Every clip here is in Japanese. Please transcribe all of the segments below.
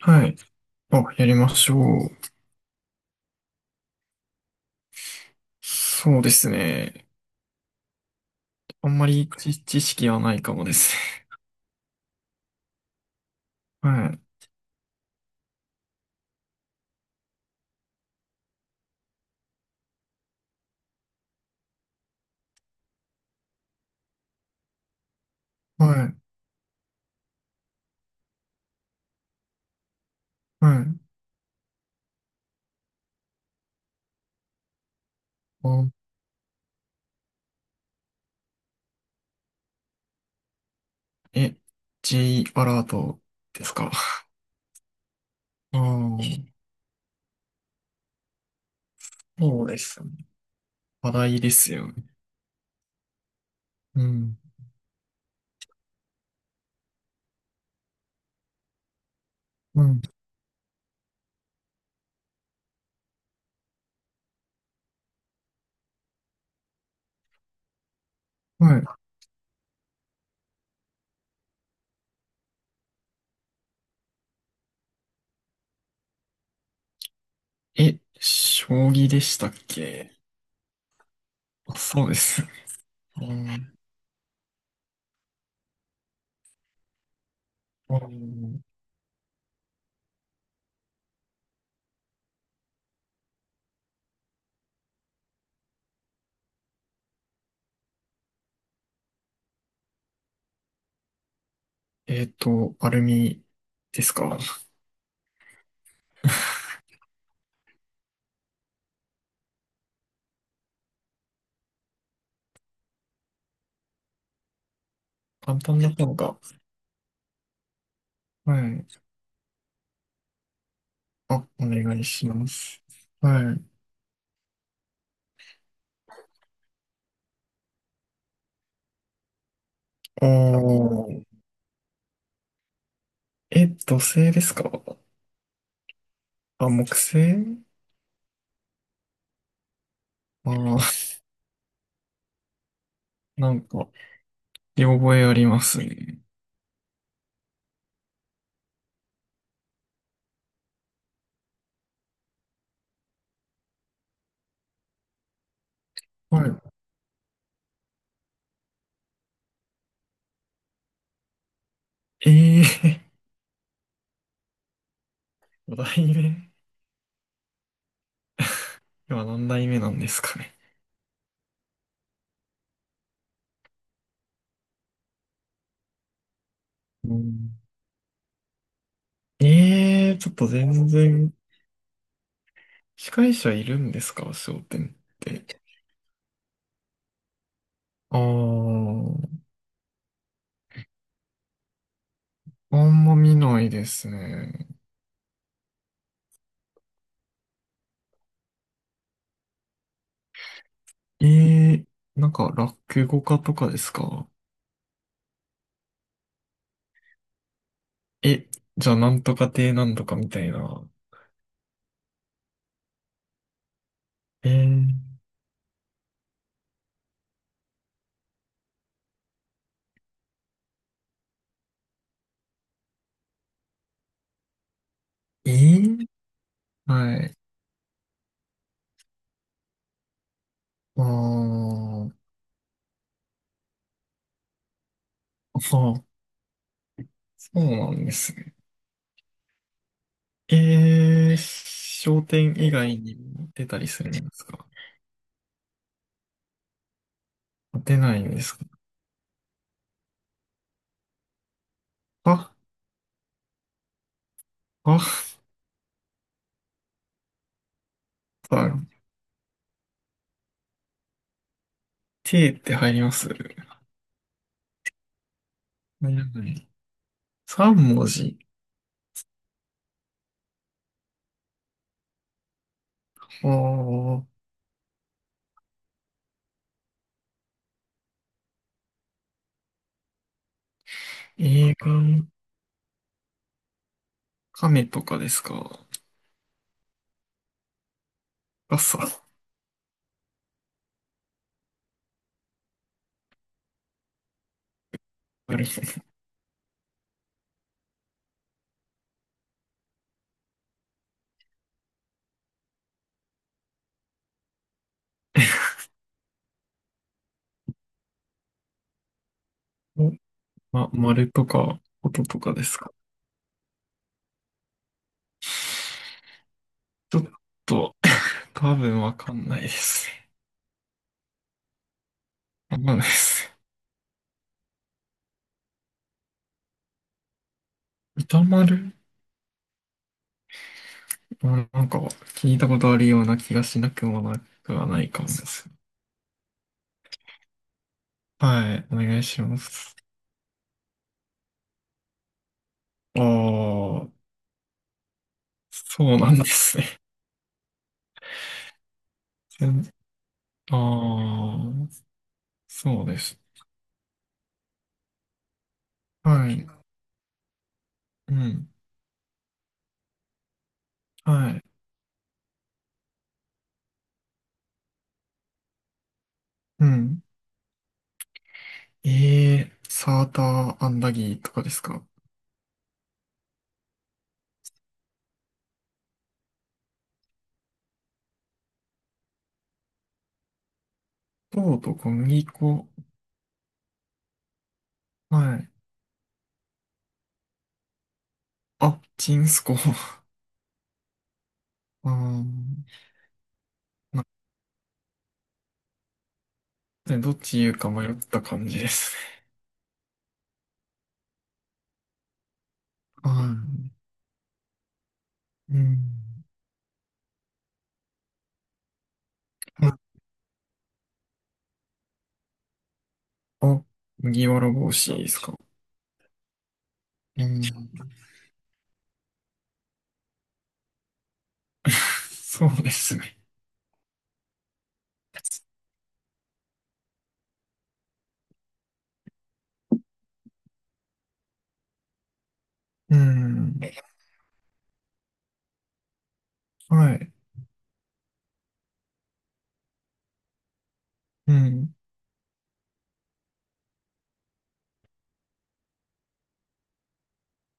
はい。あ、やりましょう。そうですね。あんまり知識はないかもですね。はい。はい。はい。あ、え、J アラートですか。ああ、そうですね。話題ですよね。うん。うん。はい。将棋でしたっけ？あ、そうです。うん。うん。アルミですか。簡単な方が。はい。あ、お願いします。はい。あー、土星ですか？あ、木星。ああー、なんか、見覚えありますね。はい。ええー、代目。今何代目なんですかね。うん。ええー、ちょっと全然、司会者いるんですか笑点って？ああ、あんま見ないですね。ええー、なんか、落語家とかですか？え、じゃあ、なんとか亭なんとかみたいな。えー、えー、はい。ああ、そうそうなんですね。商店以外にも出たりするんですか？出ないんですか？あ、さん、T って入ります？入らない。3文字。ああ、映画、亀とかですか？傘。なるほど。ま、丸とか、音とかですか？ちょっと、多分わかんないですね。わかんないです。歌丸。まあなんか、聞いたことあるような気がしなくもなくはないかもです。はい、お願いします。ああ、そうなんですね。全ああ、そうです。はい。うん。はい。うん。ええー、サーターアンダギーとかですか？糖と小麦粉。はい。あ、チンスコ。ああ。なでどっち言うか迷った感じですね。はい。うん。あ、麦わら帽子ですか？うん そうですね。うん。はい。うん。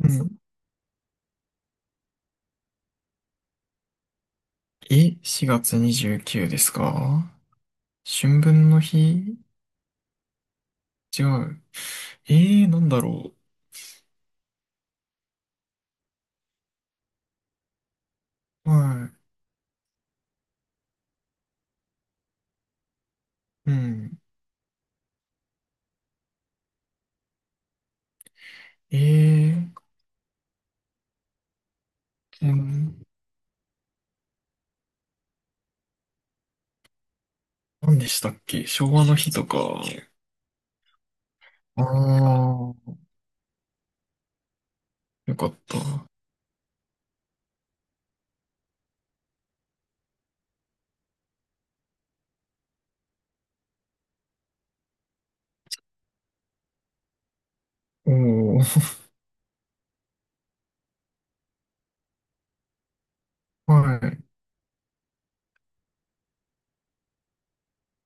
うん。4月29ですか？春分の日。違う。なんだろう。はい。うん。えうん。何でしたっけ、昭和の日とか。ああ、よかった。おー、はい。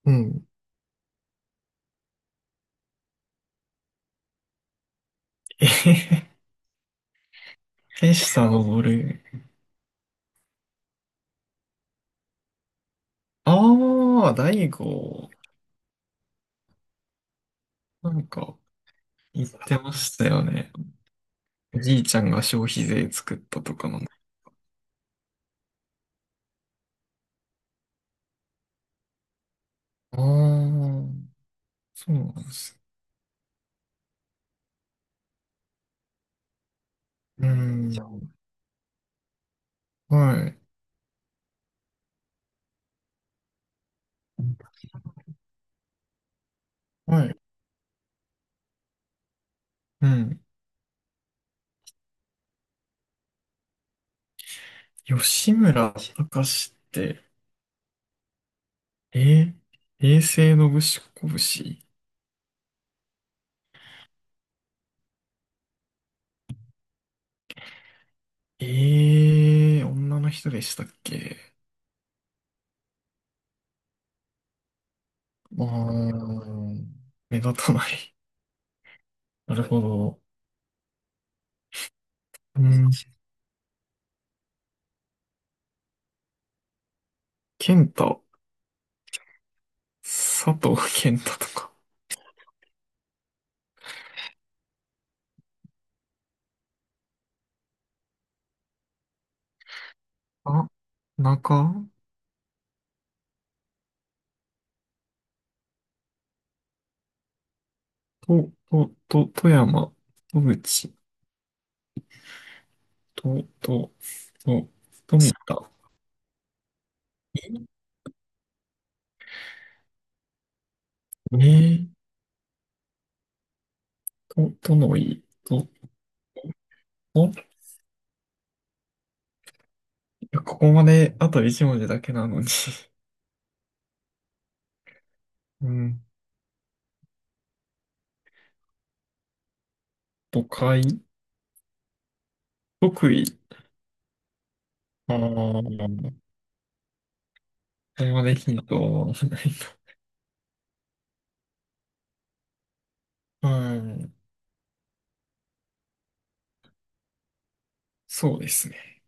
うん。えへへ、ペシさんのボール。ああ、大悟。なんか、言ってましたよね。おじいちゃんが消費税作ったとかなの。ああ、そうなんです。うん。はい。はい。うん。吉村隆って、えー、平成のぶしこぶし。ええー、女の人でしたっけ？ああ、目立たない。なるほど。うん。健太、佐藤健太とか。あ、中、と、と、と、富山、戸口、と、と、と、とみた。ねえ、と、とのい、と、と、いや、ここまであと一文字だけなのに。うん、都会、得意。ああ、これまでヒントはないと。うそうですね。